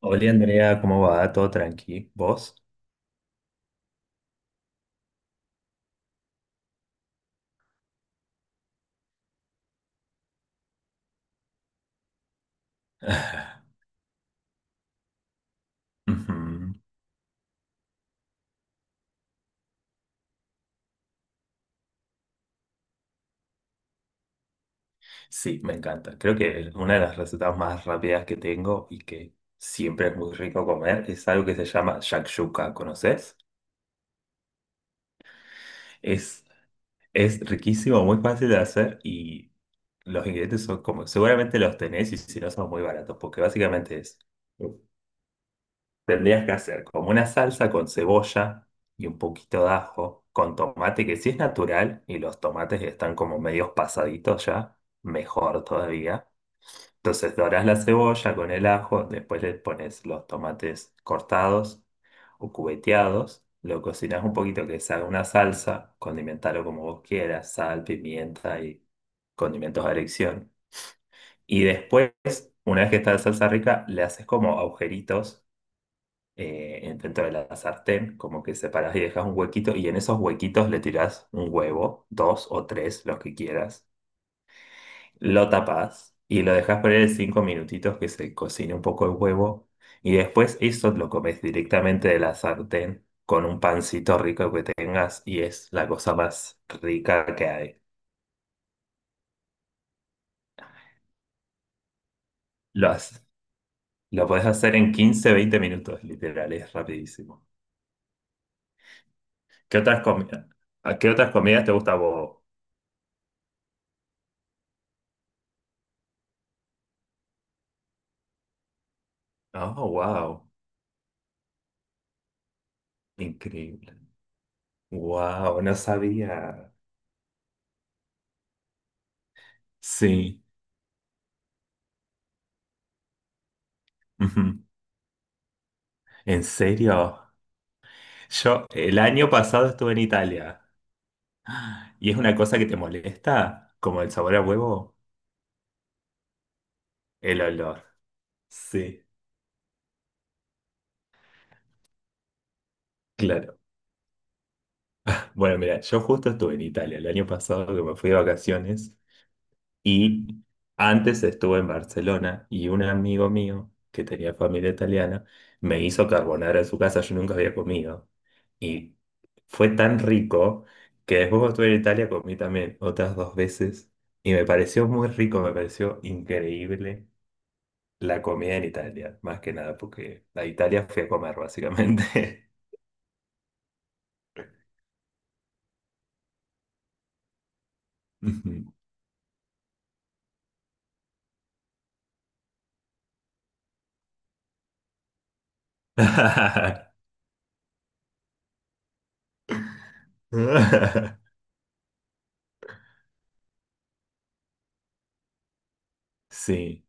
Hola Andrea, ¿cómo va? ¿Todo tranqui? ¿Vos? Ujú. Sí, me encanta. Creo que es una de las recetas más rápidas que tengo y que siempre es muy rico comer es algo que se llama shakshuka, ¿conoces? Es, es riquísimo, muy fácil de hacer y los ingredientes son como, seguramente los tenés y si no son muy baratos, porque básicamente es. Tendrías que hacer como una salsa con cebolla y un poquito de ajo, con tomate que sí es natural y los tomates que están como medios pasaditos ya, mejor todavía. Entonces dorás la cebolla con el ajo, después le pones los tomates cortados o cubeteados, lo cocinas un poquito que se haga una salsa, condimentalo como vos quieras, sal, pimienta y condimentos a elección. Y después, una vez que está la salsa rica, le haces como agujeritos dentro de la sartén, como que separás y dejas un huequito y en esos huequitos le tirás un huevo, dos o tres, los que quieras, lo tapás y lo dejas poner 5 minutitos que se cocine un poco el huevo y después eso lo comes directamente de la sartén con un pancito rico que tengas y es la cosa más rica que hay. Lo haces. Lo podés hacer en 15 20 minutos, literal, es rapidísimo. ¿Qué otras comidas, ¿A qué otras comidas te gusta a vos? Oh, wow, increíble. Wow, no sabía. Sí. Ujú. ¿En serio? Yo el año pasado estuve en Italia y es una cosa que te molesta, como el sabor a huevo, el olor. Sí, claro. Bueno, mira, yo justo estuve en Italia el año pasado que me fui de vacaciones. Y antes estuve en Barcelona y un amigo mío que tenía familia italiana me hizo carbonara en su casa, yo nunca había comido. Y fue tan rico que después cuando estuve en Italia comí también otras dos veces y me pareció muy rico, me pareció increíble la comida en Italia, más que nada porque a Italia fui a comer básicamente. Ujú. Sí.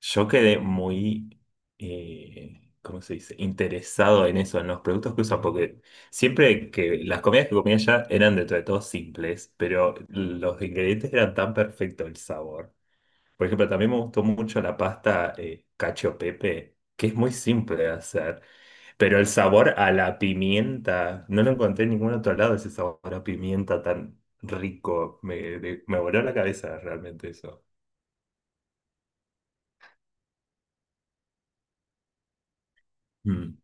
Yo quedé muy, ¿cómo se dice? Interesado en eso, en los productos que usan, porque siempre que las comidas que comía allá eran dentro de todo simples, pero los ingredientes eran tan perfectos, el sabor. Por ejemplo, también me gustó mucho la pasta cacio pepe, que es muy simple de hacer, pero el sabor a la pimienta, no lo encontré en ningún otro lado, ese sabor a pimienta tan rico. Me voló la cabeza realmente eso. Mm.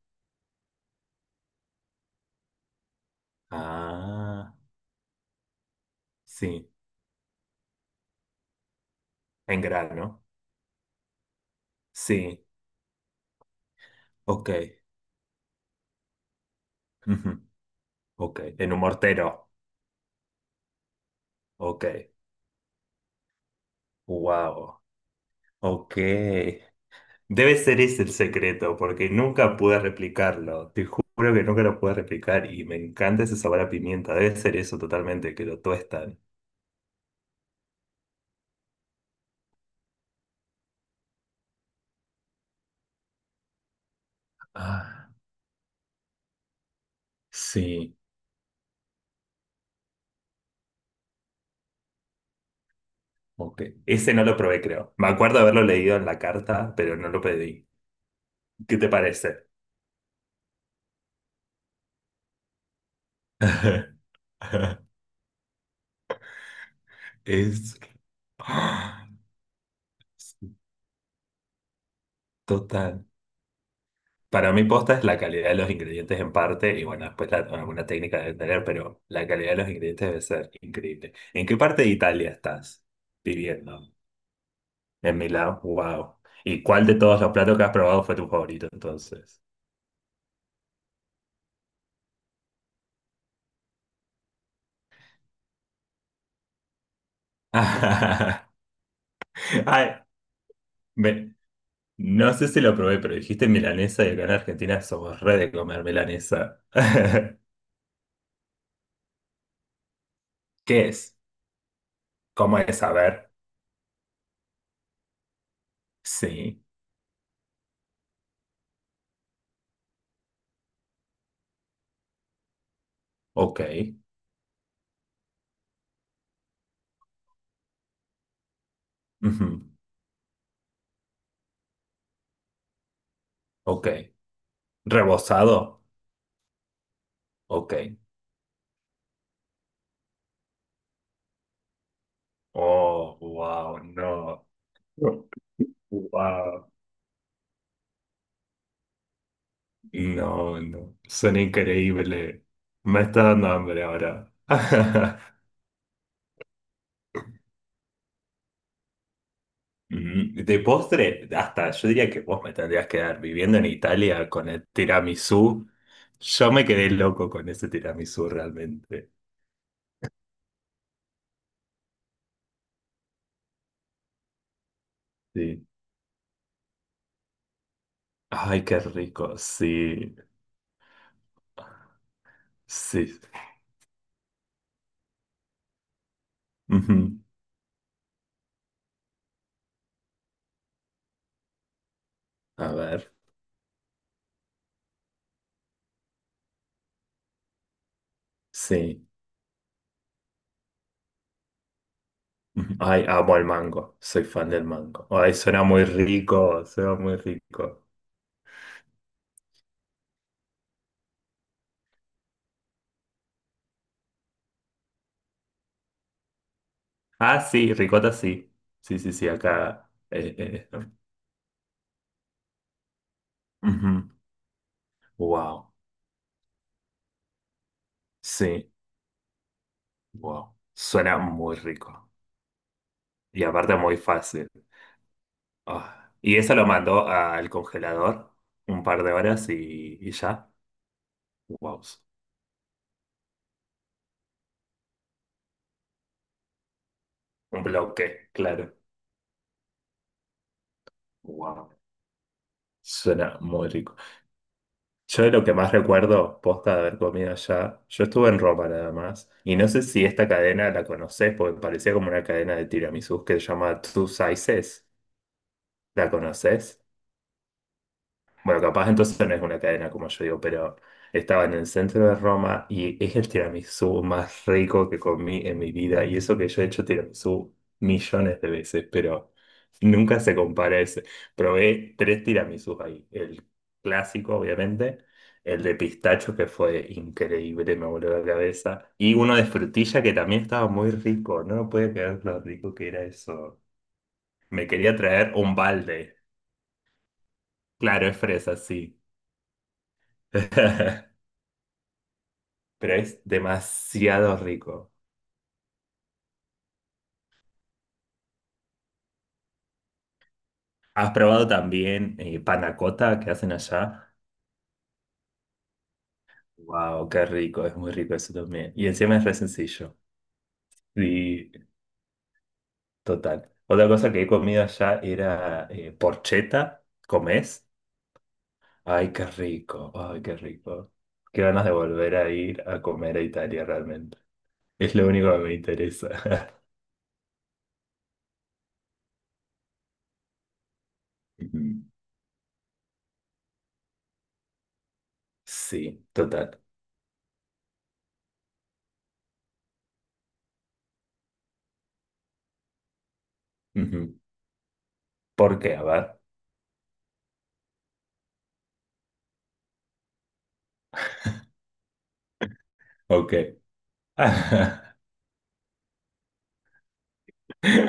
Ah, sí. En grano. Sí, ok. Ujú, ok. En un mortero. Ok. Wow. Ok. Debe ser ese el secreto, porque nunca pude replicarlo. Te juro que nunca lo pude replicar y me encanta ese sabor a pimienta. Debe ser eso totalmente, que lo tuestan. Ah, sí. Ok. Ese no lo probé, creo. Me acuerdo haberlo leído en la carta, pero no lo pedí. ¿Qué te parece? Es... Total. Para mí posta es la calidad de los ingredientes en parte, y bueno, después bueno, alguna técnica debe tener, pero la calidad de los ingredientes debe ser increíble. ¿En qué parte de Italia estás viviendo? En Milán, wow. ¿Y cuál de todos los platos que has probado fue tu favorito entonces? Ay, me- no sé si lo probé, pero dijiste milanesa y acá en Argentina somos re de comer milanesa. ¿Qué es? ¿Cómo es? A ver. Sí, ok. Ujú, ok. ¿Rebozado? Ok. Oh, wow, no. Wow, no, no. Suena increíble. Me está dando hambre ahora. De postre, hasta yo diría que vos me tendrías que dar viviendo en Italia con el tiramisú. Yo me quedé loco con ese tiramisú realmente. Sí. Ay, qué rico. Sí. Sí. Ujú. A ver. Sí. Ujú. Ay, amo el mango, soy fan del mango. Ay, suena muy rico, suena muy rico. Ah, sí, ricota sí. Sí, sí, sí, acá. Ujú. Wow, sí, wow. Suena muy rico. Y aparte muy fácil. Ah, y eso lo mandó al congelador un par de horas y ya. Wow, un bloque, claro. Wow, suena muy rico. Yo de lo que más recuerdo, posta de haber comido allá, yo estuve en Roma nada más, y no sé si esta cadena la conoces, porque parecía como una cadena de tiramisús que se llama Two Sizes. ¿La conoces? Bueno, capaz entonces no es una cadena como yo digo, pero estaba en el centro de Roma y es el tiramisú más rico que comí en mi vida. Y eso que yo he hecho tiramisú millones de veces, pero nunca se compara a ese. Probé tres tiramisús ahí. El clásico, obviamente, el de pistacho que fue increíble, me voló la cabeza. Y uno de frutilla que también estaba muy rico. No me podía creer lo rico que era eso. Me quería traer un balde. Claro, es fresa, sí. Pero es demasiado rico. ¿Has probado también panna cotta que hacen allá? Wow, qué rico, es muy rico eso también. Y encima es re sencillo. Y total. Otra cosa que he comido allá era porchetta. ¿Comés? Ay, qué rico, ay, qué rico. Qué ganas de volver a ir a comer a Italia realmente. Es lo único que me interesa. Ujú. Sí, total. Ujú. ¿Por qué? A ver. Ok.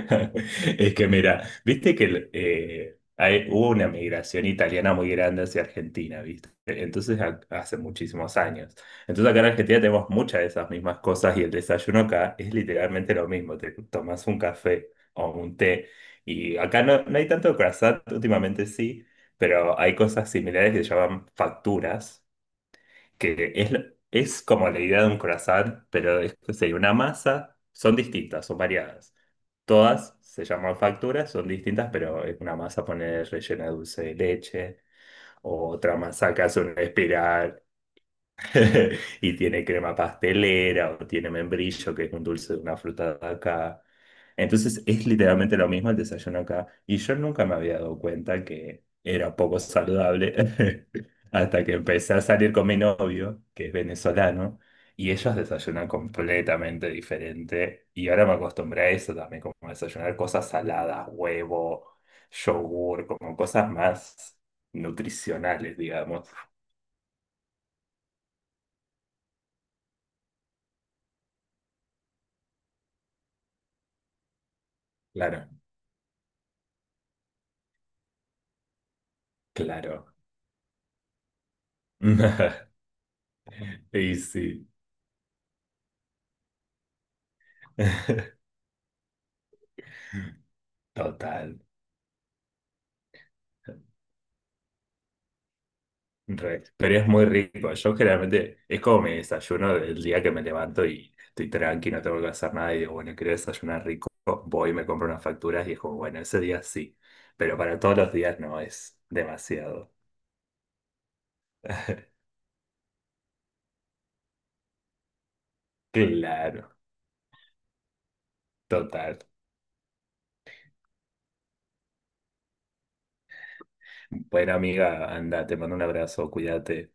Es que mira, viste que hubo una migración italiana muy grande hacia Argentina, ¿viste? Entonces, hace muchísimos años. Entonces, acá en Argentina tenemos muchas de esas mismas cosas y el desayuno acá es literalmente lo mismo. Te tomas un café o un té y acá no, no hay tanto croissant, últimamente sí, pero hay cosas similares que se llaman facturas, que es, es como la idea de un croissant, pero sería una masa, son distintas, son variadas. Todas se llaman facturas, son distintas, pero es una masa poner rellena de dulce de leche, o otra masa que hace una espiral. Y tiene crema pastelera o tiene membrillo, que es un dulce de una fruta de acá. Entonces es literalmente lo mismo el desayuno acá. Y yo nunca me había dado cuenta que era poco saludable hasta que empecé a salir con mi novio, que es venezolano, y ellos desayunan completamente diferente. Y ahora me acostumbré a eso también, como a desayunar cosas saladas, huevo, yogur, como cosas más nutricionales, digamos. Claro, claro. Y sí, total. Re. Pero es muy rico. Yo generalmente es como mi desayuno del día que me levanto y estoy tranqui, no tengo que hacer nada y digo, bueno, quiero desayunar rico, voy y me compro unas facturas y es como, bueno, ese día sí. Pero para todos los días no es demasiado. Claro, total. Buena amiga, anda, te mando un abrazo, cuídate.